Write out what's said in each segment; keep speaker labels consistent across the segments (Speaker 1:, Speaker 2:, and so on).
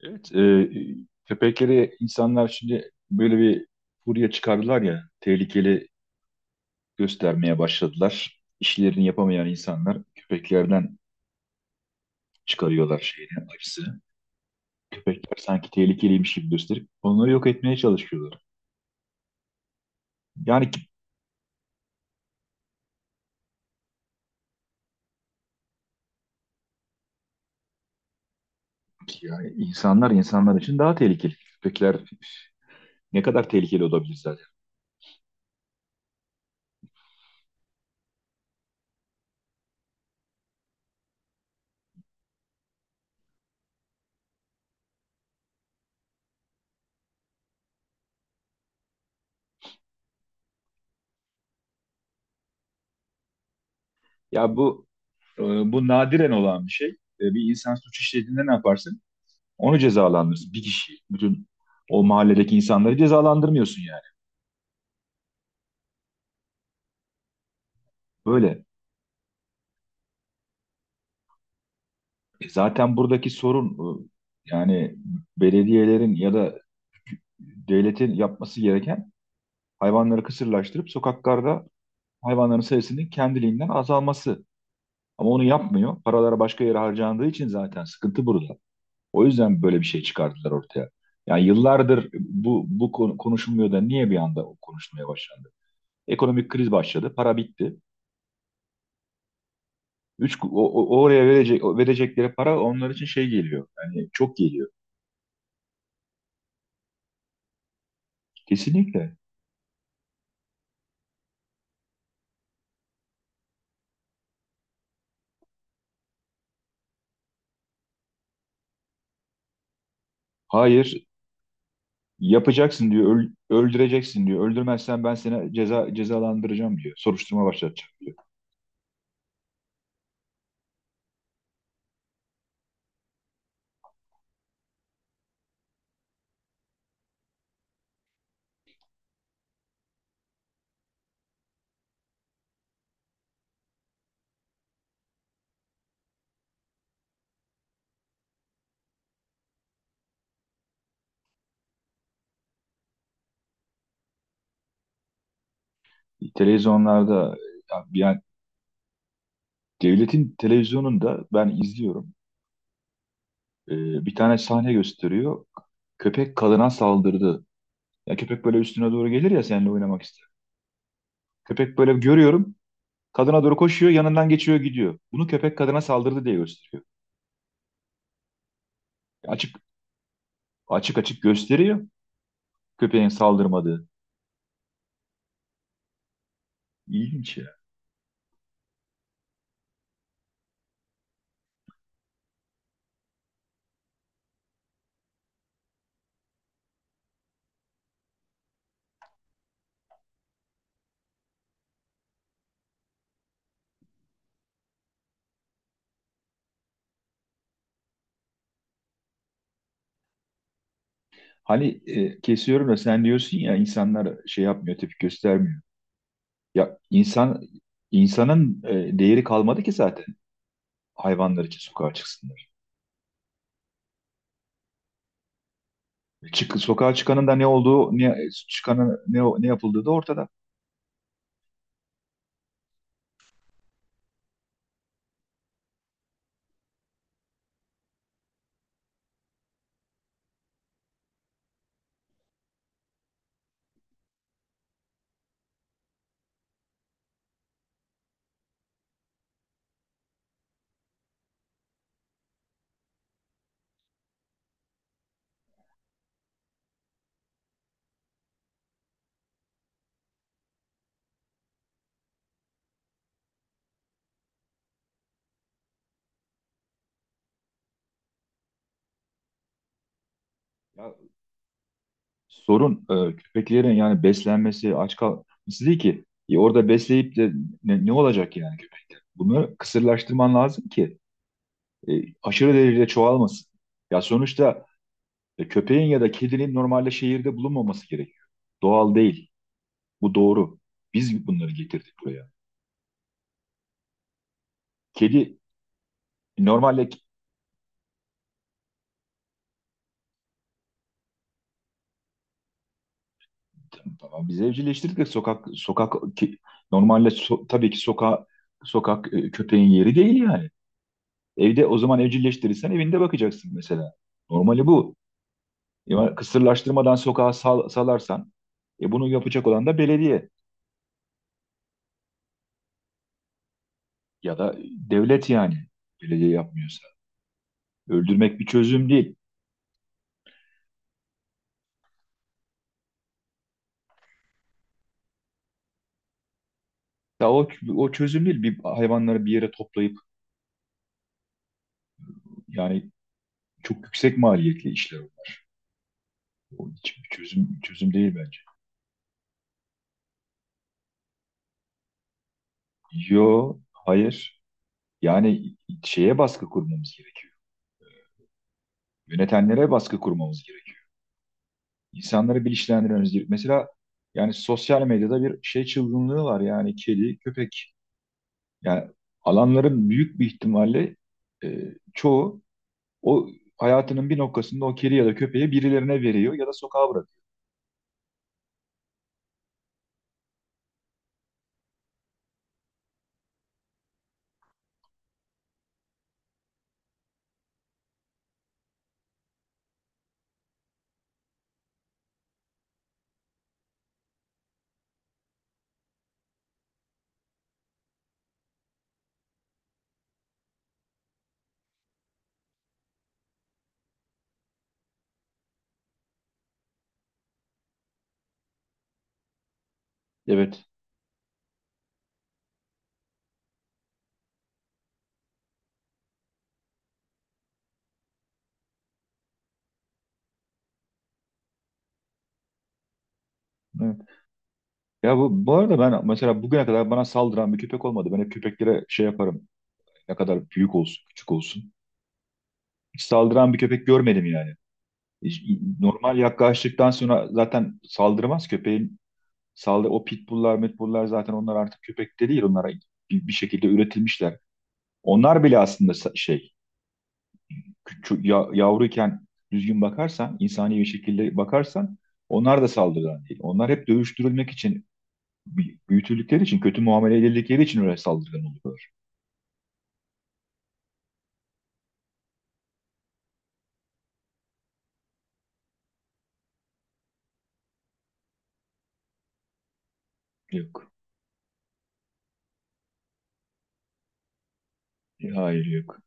Speaker 1: Evet, köpekleri insanlar şimdi böyle bir furya çıkardılar ya, tehlikeli göstermeye başladılar. İşlerini yapamayan insanlar köpeklerden çıkarıyorlar şeyini, acısı. Köpekler sanki tehlikeliymiş gibi gösterip onları yok etmeye çalışıyorlar. Yani, ki- yani insanlar için daha tehlikeli. Köpekler ne kadar tehlikeli olabilir zaten. Ya bu nadiren olan bir şey. Bir insan suç işlediğinde ne yaparsın? Onu cezalandırırsın. Bir kişiyi, bütün o mahalledeki insanları cezalandırmıyorsun yani. Böyle. Zaten buradaki sorun, yani belediyelerin ya da devletin yapması gereken hayvanları kısırlaştırıp sokaklarda hayvanların sayısının kendiliğinden azalması. Ama onu yapmıyor. Paralara başka yere harcandığı için zaten sıkıntı burada. O yüzden böyle bir şey çıkardılar ortaya. Yani yıllardır bu konu konuşulmuyor da niye bir anda konuşulmaya başlandı? Ekonomik kriz başladı, para bitti. Oraya verecekleri para onlar için şey geliyor. Yani çok geliyor. Kesinlikle. Hayır, yapacaksın diyor. Öldüreceksin diyor. Öldürmezsen ben seni cezalandıracağım diyor. Soruşturma başlatacağım diyor. Televizyonlarda, yani devletin televizyonunda ben izliyorum. Ee, Bir tane sahne gösteriyor. Köpek kadına saldırdı. Ya köpek böyle üstüne doğru gelir ya seninle oynamak ister. Köpek böyle görüyorum. Kadına doğru koşuyor, yanından geçiyor, gidiyor. Bunu köpek kadına saldırdı diye gösteriyor. Açık açık gösteriyor köpeğin saldırmadığı. İlginç ya. Hani, kesiyorum da sen diyorsun ya, insanlar şey yapmıyor, tepki göstermiyor. Ya insanın değeri kalmadı ki zaten hayvanlar için sokağa çıksınlar. Sokağa çıkanın da ne olduğu, ne çıkanın ne yapıldığı da ortada. Ya, sorun köpeklerin yani beslenmesi, aç kalması değil ki. Orada besleyip de ne olacak yani köpekler? Bunu kısırlaştırman lazım ki, e, aşırı derecede çoğalmasın. Ya, sonuçta köpeğin ya da kedinin normalde şehirde bulunmaması gerekiyor. Doğal değil. Bu doğru. Biz bunları getirdik buraya. Kedi normalde, tamam, biz evcilleştirdik de sokak sokak ki, normalde tabii ki sokağa, sokak, köpeğin yeri değil yani. Evde, o zaman evcilleştirirsen evinde bakacaksın mesela. Normali bu. Ya, kısırlaştırmadan sokağa salarsan, bunu yapacak olan da belediye ya da devlet yani. Belediye yapmıyorsa. Öldürmek bir çözüm değil. Ya o çözüm değil. Bir hayvanları bir yere toplayıp, yani, çok yüksek maliyetli işler. O hiç bir çözüm değil bence. Yo, hayır. Yani şeye baskı kurmamız gerekiyor. Yönetenlere baskı kurmamız gerekiyor. İnsanları bilinçlendirmemiz gerekiyor. Mesela yani sosyal medyada bir şey çılgınlığı var yani, kedi, köpek. Yani alanların büyük bir ihtimalle, e, çoğu, o hayatının bir noktasında o kedi ya da köpeği birilerine veriyor ya da sokağa bırakıyor. Evet. Ya, bu arada ben mesela bugüne kadar bana saldıran bir köpek olmadı. Ben hep köpeklere şey yaparım. Ne kadar büyük olsun, küçük olsun. Hiç saldıran bir köpek görmedim yani. Hiç- Normal yaklaştıktan sonra zaten saldırmaz köpeğin. O pitbulllar, metbulllar zaten onlar artık köpek de değil. Onlara bir şekilde üretilmişler. Onlar bile aslında şey, küçük, ya, yavruyken düzgün bakarsan, insani bir şekilde bakarsan onlar da saldırgan değil. Onlar hep dövüştürülmek için büyütüldükleri için, kötü muamele edildikleri için öyle saldırgan oluyor. Yok. Hayır, yok.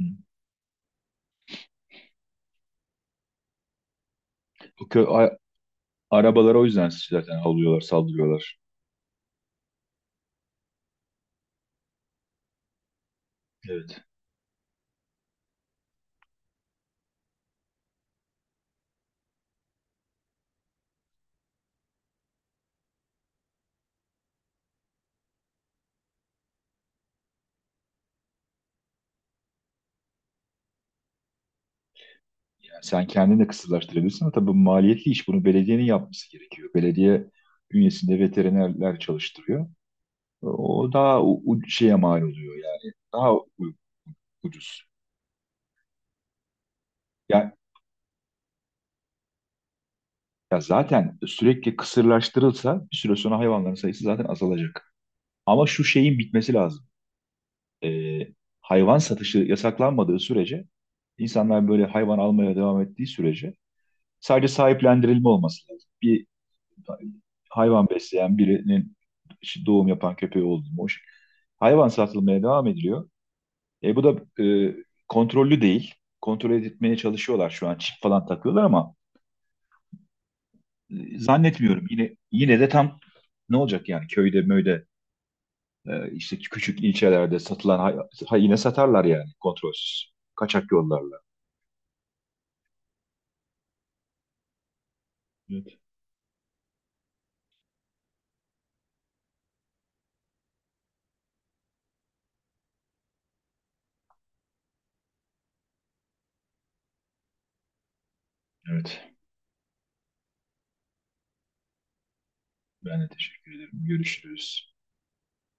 Speaker 1: Hı. O kö a- arabalara o yüzden zaten alıyorlar, saldırıyorlar. Evet. Yani sen kendini de kısırlaştırabilirsin ama tabii bu maliyetli iş. Bunu belediyenin yapması gerekiyor. Belediye bünyesinde veterinerler çalıştırıyor. O daha şeye mal oluyor yani. Daha ucuz. Ya, ya zaten sürekli kısırlaştırılsa bir süre sonra hayvanların sayısı zaten azalacak. Ama şu şeyin bitmesi lazım. e, hayvan satışı yasaklanmadığı sürece, insanlar böyle hayvan almaya devam ettiği sürece sadece sahiplendirilme olması lazım. Bir hayvan besleyen birinin, işte, doğum yapan köpeği oldu mu? Hoş. Hayvan satılmaya devam ediliyor. Bu da kontrollü değil. Kontrol etmeye çalışıyorlar şu an. Çip falan takıyorlar ama zannetmiyorum. Yine de tam ne olacak yani, köyde möyde, işte küçük ilçelerde satılan yine satarlar yani, kontrolsüz. Kaçak yollarla. Evet, evet. Ben de teşekkür ederim. Görüşürüz.